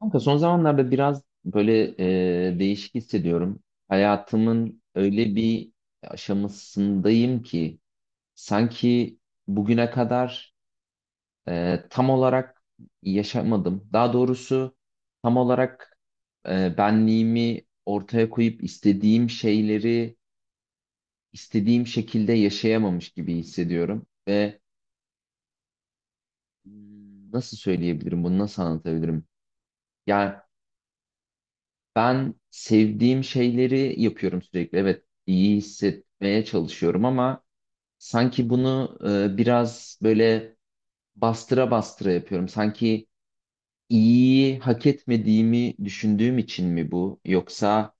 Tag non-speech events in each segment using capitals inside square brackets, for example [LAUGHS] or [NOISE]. Kanka son zamanlarda biraz böyle değişik hissediyorum. Hayatımın öyle bir aşamasındayım ki sanki bugüne kadar tam olarak yaşamadım. Daha doğrusu tam olarak benliğimi ortaya koyup istediğim şeyleri istediğim şekilde yaşayamamış gibi hissediyorum. Ve nasıl söyleyebilirim bunu, nasıl anlatabilirim? Yani ben sevdiğim şeyleri yapıyorum sürekli. Evet, iyi hissetmeye çalışıyorum ama sanki bunu biraz böyle bastıra bastıra yapıyorum. Sanki iyiyi hak etmediğimi düşündüğüm için mi bu? Yoksa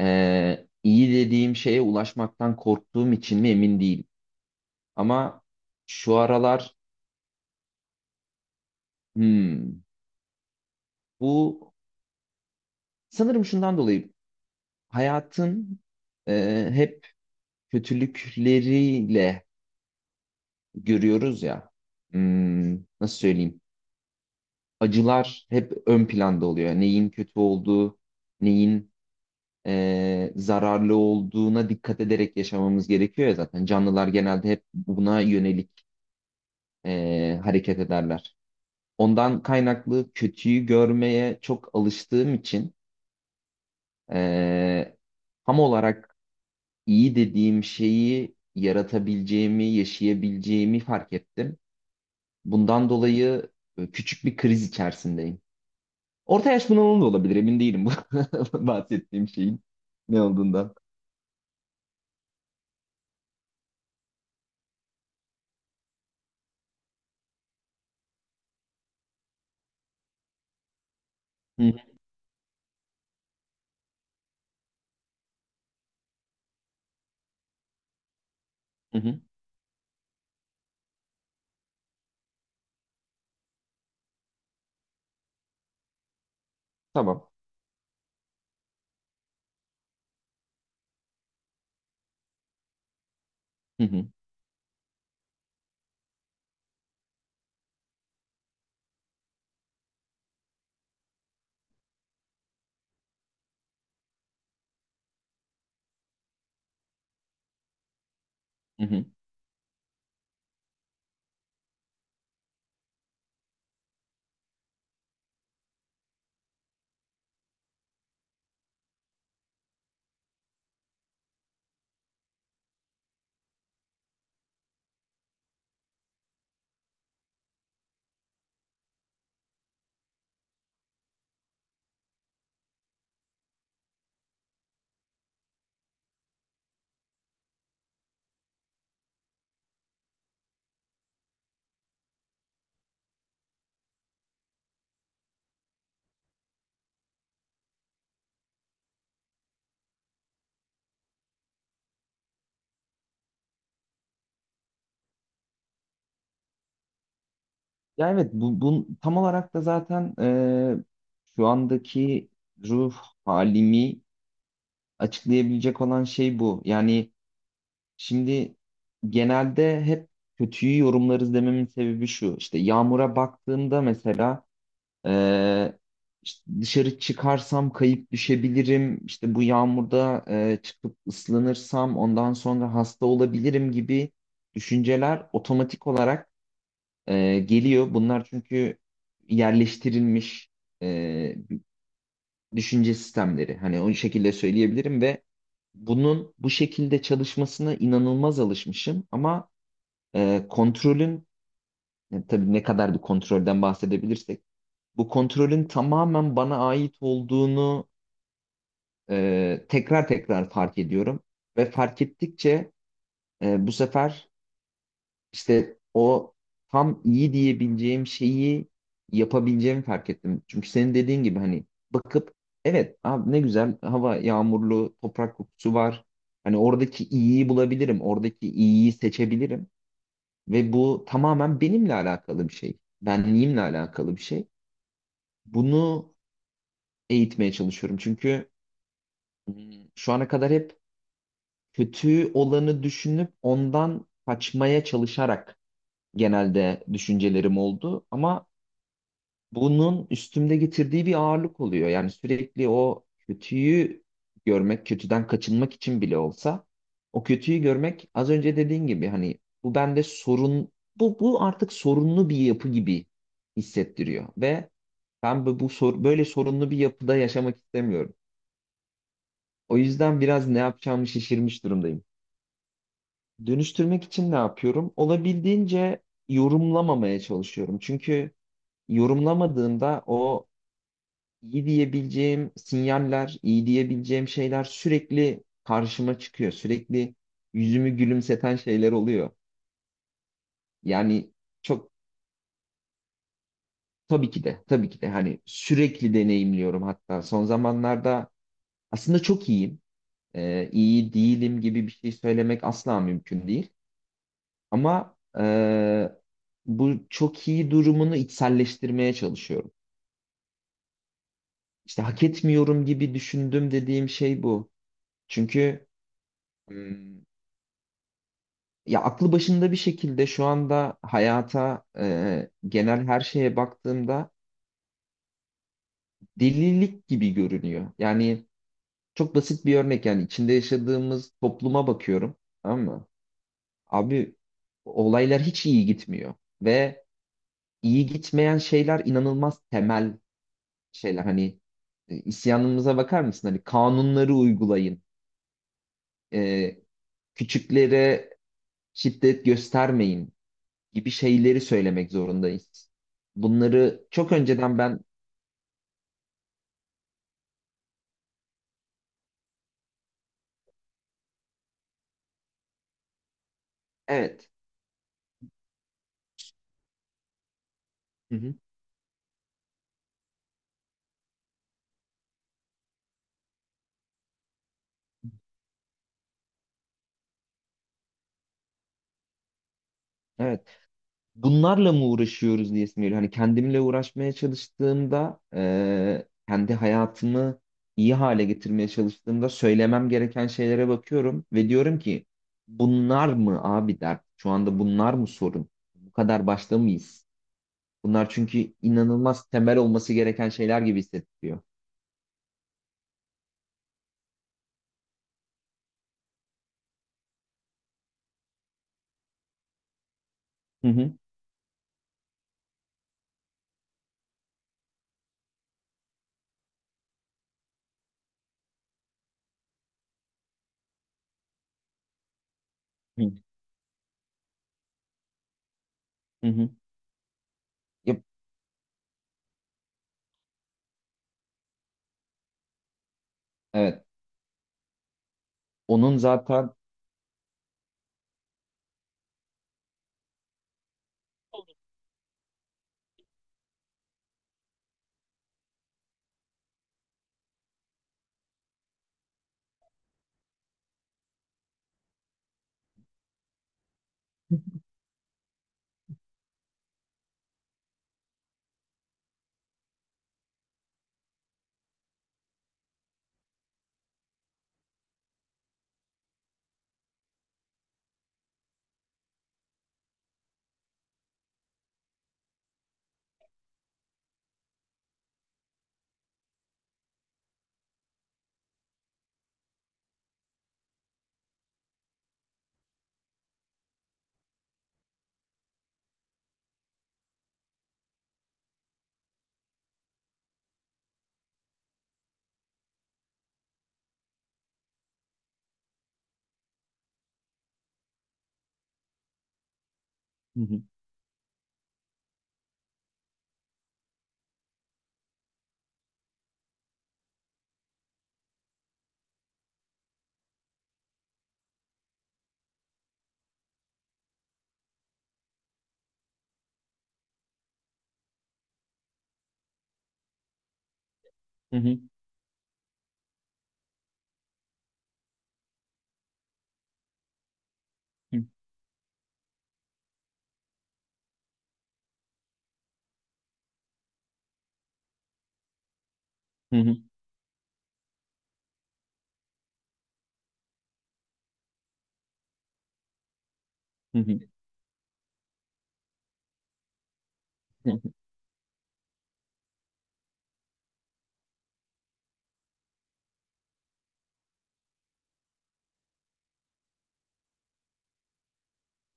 iyi dediğim şeye ulaşmaktan korktuğum için mi emin değilim. Ama şu aralar hmm, bu sanırım şundan dolayı hayatın hep kötülükleriyle görüyoruz ya. Hmm, nasıl söyleyeyim? Acılar hep ön planda oluyor. Neyin kötü olduğu, neyin zararlı olduğuna dikkat ederek yaşamamız gerekiyor ya zaten. Canlılar genelde hep buna yönelik hareket ederler. Ondan kaynaklı kötüyü görmeye çok alıştığım için eee tam olarak iyi dediğim şeyi yaratabileceğimi, yaşayabileceğimi fark ettim. Bundan dolayı küçük bir kriz içerisindeyim. Orta yaş bunalımı da olabilir emin değilim bu [LAUGHS] bahsettiğim şeyin ne olduğundan. Hı hı, hı hı. Tamam. Hı hı, hı hı. Ya evet bu tam olarak da zaten şu andaki ruh halimi açıklayabilecek olan şey bu. Yani şimdi genelde hep kötüyü yorumlarız dememin sebebi şu. İşte Yağmur'a baktığımda mesela Ee, işte dışarı çıkarsam kayıp düşebilirim. İşte bu yağmurda çıkıp ıslanırsam ondan sonra hasta olabilirim gibi düşünceler otomatik olarak geliyor. Bunlar çünkü yerleştirilmiş e, düşünce sistemleri. Hani o şekilde söyleyebilirim ve bunun bu şekilde çalışmasına inanılmaz alışmışım ama kontrolün tabii ne kadar bir kontrolden bahsedebilirsek bu kontrolün tamamen bana ait olduğunu tekrar tekrar fark ediyorum. Ve fark ettikçe bu sefer işte o tam iyi diyebileceğim şeyi yapabileceğimi fark ettim. Çünkü senin dediğin gibi hani bakıp evet abi ne güzel hava, yağmurlu toprak kokusu var. Hani oradaki iyiyi bulabilirim, oradaki iyiyi seçebilirim. Ve bu tamamen benimle alakalı bir şey. Benliğimle alakalı bir şey. Bunu eğitmeye çalışıyorum. Çünkü şu ana kadar hep kötü olanı düşünüp ondan kaçmaya çalışarak genelde düşüncelerim oldu. Ama bunun üstümde getirdiği bir ağırlık oluyor. Yani sürekli o kötüyü görmek, kötüden kaçınmak için bile olsa o kötüyü görmek az önce dediğin gibi hani bu bende sorun, bu artık sorunlu bir yapı gibi hissettiriyor ve ben böyle sorunlu bir yapıda yaşamak istemiyorum. O yüzden biraz ne yapacağımı şaşırmış durumdayım. Dönüştürmek için ne yapıyorum? Olabildiğince yorumlamamaya çalışıyorum. Çünkü yorumlamadığımda o iyi diyebileceğim sinyaller, iyi diyebileceğim şeyler sürekli karşıma çıkıyor. Sürekli yüzümü gülümseten şeyler oluyor. Yani çok tabii ki de hani sürekli deneyimliyorum, hatta son zamanlarda aslında çok iyiyim. İyi değilim gibi bir şey söylemek asla mümkün değil. Ama bu çok iyi durumunu içselleştirmeye çalışıyorum. İşte hak etmiyorum gibi düşündüm dediğim şey bu. Çünkü hmm, ya aklı başında bir şekilde şu anda hayata genel her şeye baktığımda delilik gibi görünüyor. Yani çok basit bir örnek, yani içinde yaşadığımız topluma bakıyorum. Tamam mı? Abi olaylar hiç iyi gitmiyor ve iyi gitmeyen şeyler inanılmaz temel şeyler hani isyanımıza bakar mısın? Hani kanunları uygulayın, e, küçüklere şiddet göstermeyin gibi şeyleri söylemek zorundayız. Bunları çok önceden ben evet, hı hı, evet. Bunlarla mı uğraşıyoruz diye geliyor. Hani kendimle uğraşmaya çalıştığımda, kendi hayatımı iyi hale getirmeye çalıştığımda söylemem gereken şeylere bakıyorum ve diyorum ki bunlar mı abi dert? Şu anda bunlar mı sorun? Bu kadar başta mıyız? Bunlar çünkü inanılmaz temel olması gereken şeyler gibi hissettiriyor. Hı hı. Hı hı. Hı. Yap- evet. Onun zaten hı hı. Hı hı. Hı hı. Hı hı. Hı hı.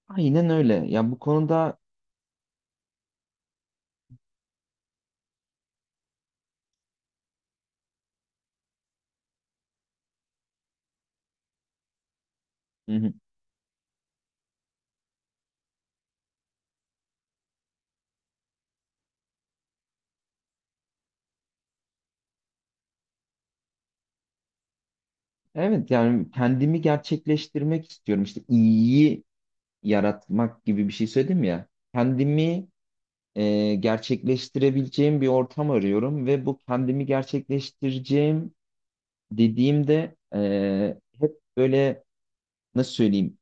Aynen öyle. Ya bu konuda hı hı. Evet yani kendimi gerçekleştirmek istiyorum. İşte iyiyi yaratmak gibi bir şey söyledim ya. Kendimi gerçekleştirebileceğim bir ortam arıyorum ve bu kendimi gerçekleştireceğim dediğimde hep böyle nasıl söyleyeyim?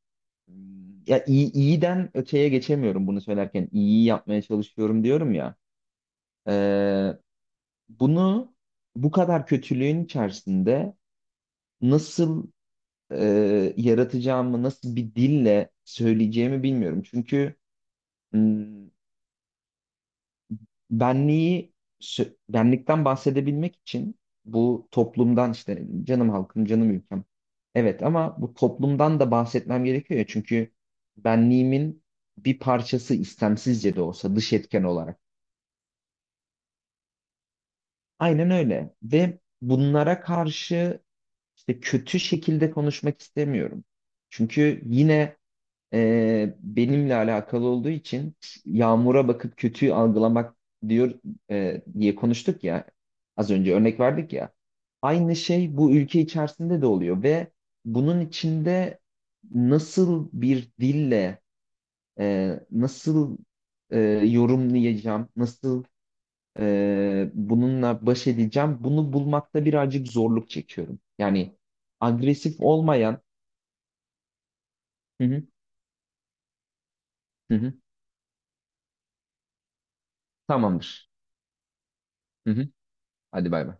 Ya iyi, iyiden öteye geçemiyorum bunu söylerken. İyiyi yapmaya çalışıyorum diyorum ya. Ee, bunu bu kadar kötülüğün içerisinde nasıl yaratacağımı, nasıl bir dille söyleyeceğimi bilmiyorum. Çünkü hmm, benliği benlikten bahsedebilmek için bu toplumdan, işte canım halkım, canım ülkem. Evet ama bu toplumdan da bahsetmem gerekiyor ya çünkü benliğimin bir parçası, istemsizce de olsa dış etken olarak. Aynen öyle ve bunlara karşı işte kötü şekilde konuşmak istemiyorum. Çünkü yine benimle alakalı olduğu için yağmura bakıp kötüyü algılamak diyor diye konuştuk ya, az önce örnek verdik ya, aynı şey bu ülke içerisinde de oluyor ve bunun içinde nasıl bir dille nasıl e, yorumlayacağım, nasıl bununla baş edeceğim, bunu bulmakta birazcık zorluk çekiyorum, yani agresif olmayan. Hı hı, hı hı, tamamdır. Hı hı, hadi bay bay.